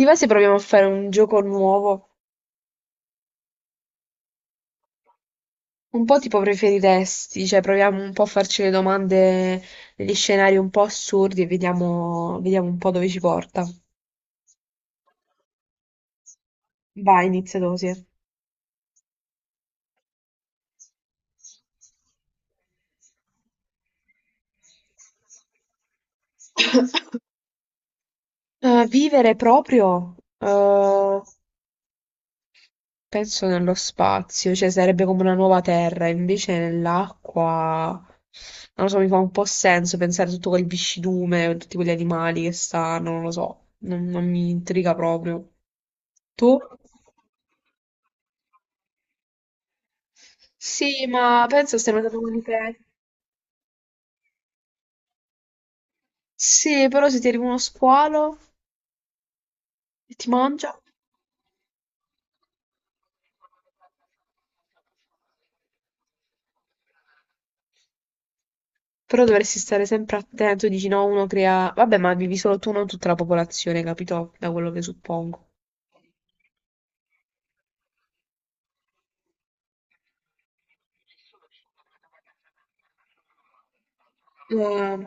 Ti va se proviamo a fare un gioco nuovo? Un po' tipo preferiresti, cioè proviamo un po' a farci le domande degli scenari un po' assurdi e vediamo un po' dove ci porta. Vai, inizia tu, sì. Vivere proprio? Penso nello spazio, cioè sarebbe come una nuova terra, invece nell'acqua, non lo so, mi fa un po' senso pensare a tutto quel viscidume, tutti quegli animali che stanno, non lo so, non mi intriga proprio. Tu? Sì, ma penso stiamo andando con i te. Sì, però se ti arriva uno squalo e ti mangia, però dovresti stare sempre attento, dici no, uno crea... Vabbè, ma vivi solo tu, non tutta la popolazione, capito? Da quello che suppongo. Eh,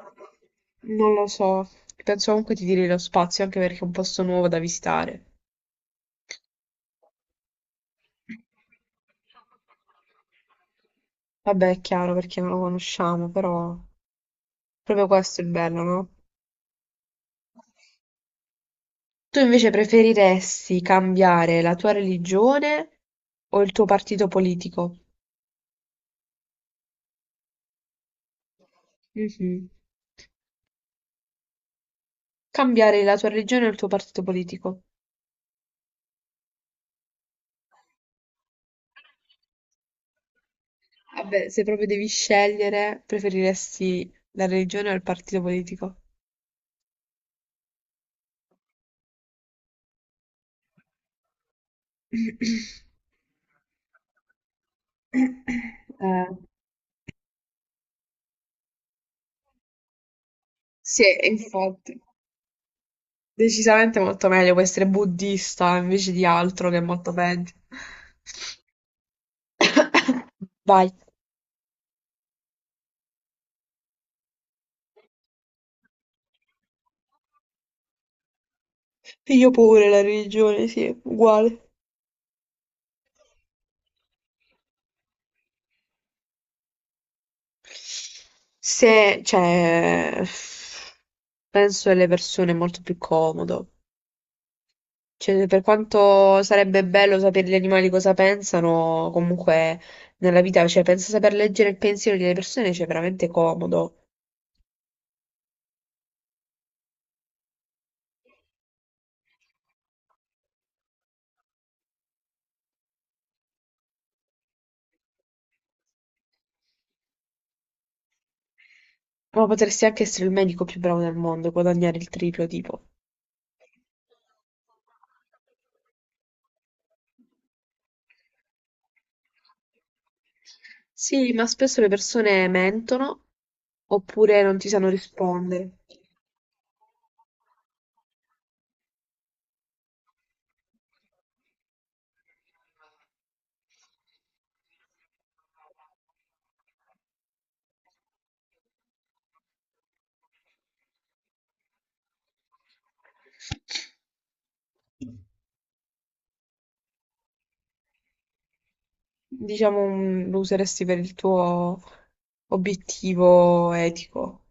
non lo so, penso comunque ti tiri lo spazio anche perché è un posto nuovo da visitare. Vabbè, è chiaro perché non lo conosciamo, però proprio questo è il bello, no? Tu invece preferiresti cambiare la tua religione o il tuo partito politico? Mhm. Cambiare la tua religione o il tuo partito politico? Vabbè, se proprio devi scegliere, preferiresti la religione o il partito politico? Eh, sì, infatti, decisamente molto meglio può essere buddista invece di altro che è molto peggio. Vai. Io pure la religione, sì, uguale. Se, cioè, penso alle persone è molto più comodo. Cioè, per quanto sarebbe bello sapere gli animali cosa pensano, comunque nella vita, cioè, penso saper leggere il pensiero delle persone, c'è veramente comodo. Ma potresti anche essere il medico più bravo del mondo e guadagnare il triplo, tipo. Sì, ma spesso le persone mentono oppure non ti sanno rispondere. Diciamo, lo useresti per il tuo obiettivo etico.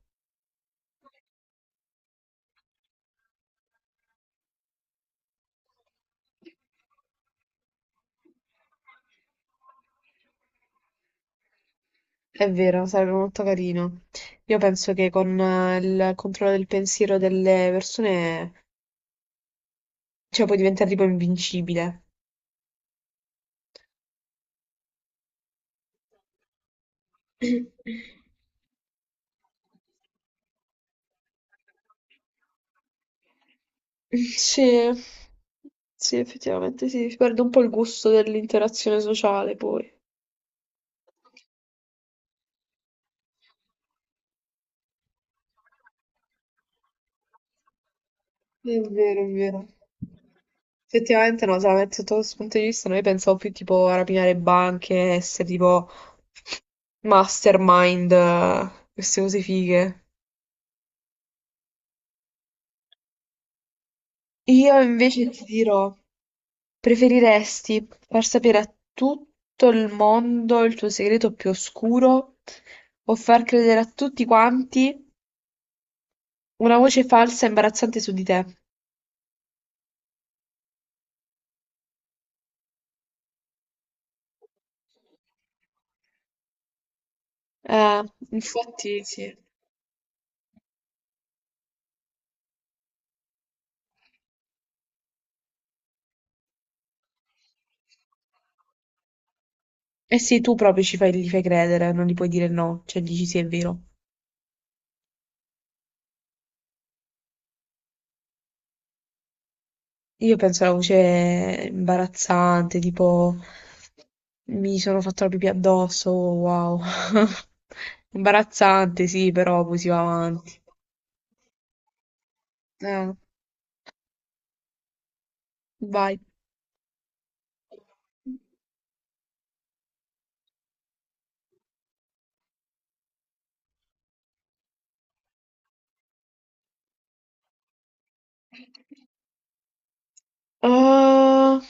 È vero, sarebbe molto carino. Io penso che con il controllo del pensiero delle persone, cioè, puoi diventare tipo invincibile. Sì, sì, effettivamente sì, si perde un po' il gusto dell'interazione sociale poi. È vero, è vero. Effettivamente no, solamente sotto questo punto di vista noi pensavo più tipo a rapinare banche, essere tipo mastermind, queste cose fighe. Io invece ti dirò. Preferiresti far sapere a tutto il mondo il tuo segreto più oscuro o far credere a tutti quanti una voce falsa e imbarazzante su di te? Eh, infatti sì. Eh sì, tu proprio ci fai, gli fai credere, non gli puoi dire no, cioè dici sì, è vero. Io penso alla voce imbarazzante, tipo mi sono fatto la pipì addosso, wow. Imbarazzante, sì, però poi si va avanti. Eh, vai. Uh,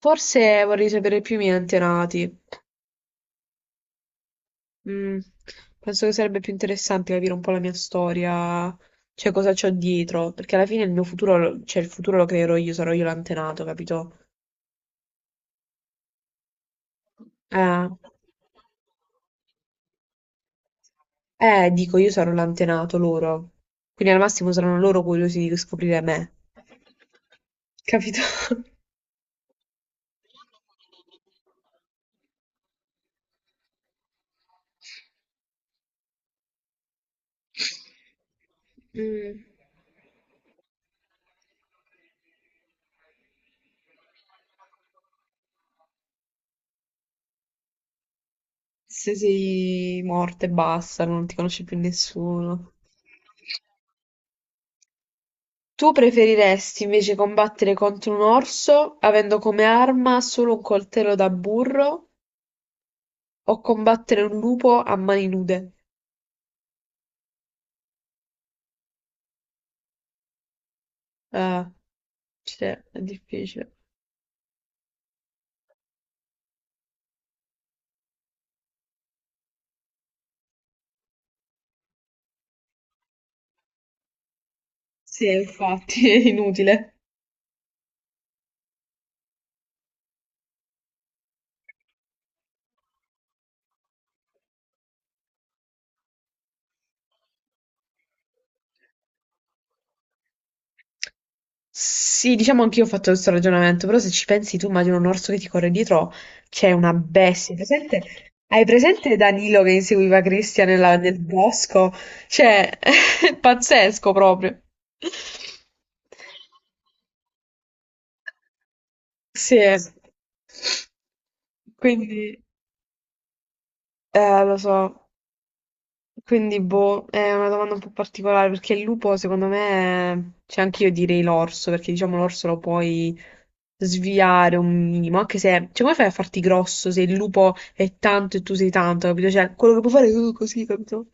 forse vorrei sapere più i miei antenati. Mm, penso che sarebbe più interessante capire un po' la mia storia, cioè cosa c'ho dietro, perché alla fine il mio futuro, cioè il futuro lo creerò io, sarò io l'antenato, capito? Eh, dico, io sarò l'antenato loro. Quindi al massimo saranno loro curiosi di scoprire me, capito? Mm. Se sei morta e basta, non ti conosce più nessuno. Tu preferiresti invece combattere contro un orso avendo come arma solo un coltello da burro o combattere un lupo a mani nude? Eh, cioè, è difficile. Sì, infatti, è inutile. Sì, diciamo anch'io ho fatto questo ragionamento, però se ci pensi tu immagino un orso che ti corre dietro, c'è una bestia. Hai presente Danilo che inseguiva Cristian nel bosco? Cioè, è pazzesco proprio. Sì, eh. Quindi, lo so. Quindi, boh, è una domanda un po' particolare perché il lupo, secondo me, cioè anche io direi l'orso, perché diciamo l'orso lo puoi sviare un minimo, anche se, cioè, come fai a farti grosso se il lupo è tanto e tu sei tanto, capito? Cioè, quello che puoi fare è così, capito?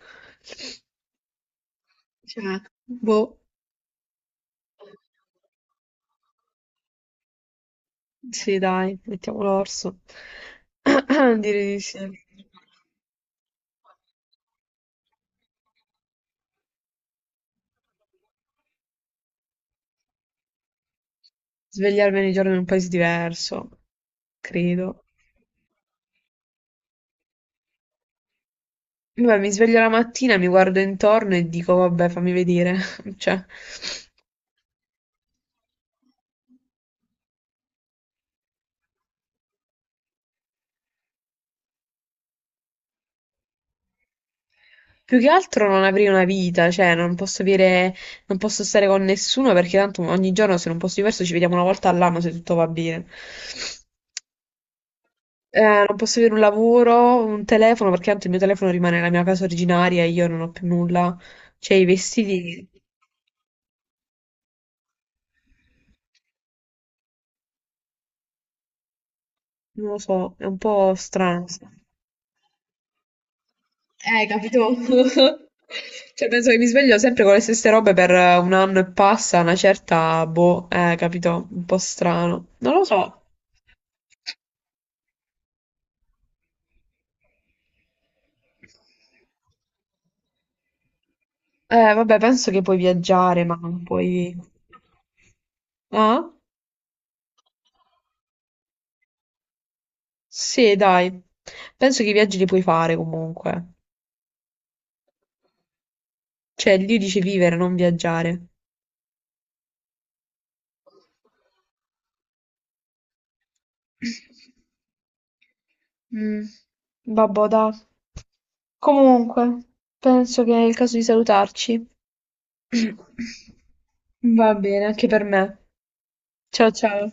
Cioè, boh, sì, dai, mettiamo l'orso. Direi di sì. Svegliarmi ogni giorno in un paese diverso, credo. Vabbè, mi sveglio la mattina, mi guardo intorno e dico, vabbè, fammi vedere. Cioè, più che altro non avrei una vita, cioè, non posso avere, non posso stare con nessuno perché tanto ogni giorno se non posso diverso ci vediamo una volta all'anno se tutto va bene. Eh, non posso avere un lavoro, un telefono, perché tanto il mio telefono rimane nella mia casa originaria e io non ho più nulla. Cioè, i vestiti, non lo so, è un po' strano. Capito? Cioè, penso che mi sveglio sempre con le stesse robe per un anno e passa, una certa, boh, capito? Un po' strano. Non lo so. Vabbè, penso che puoi viaggiare, ma non puoi... Ah? Sì, dai. Penso che i viaggi li puoi fare comunque. Cioè, lì dice vivere, non viaggiare. Mm, vabbò, dai. Comunque, penso che è il caso di salutarci. Va bene, anche per me. Ciao ciao.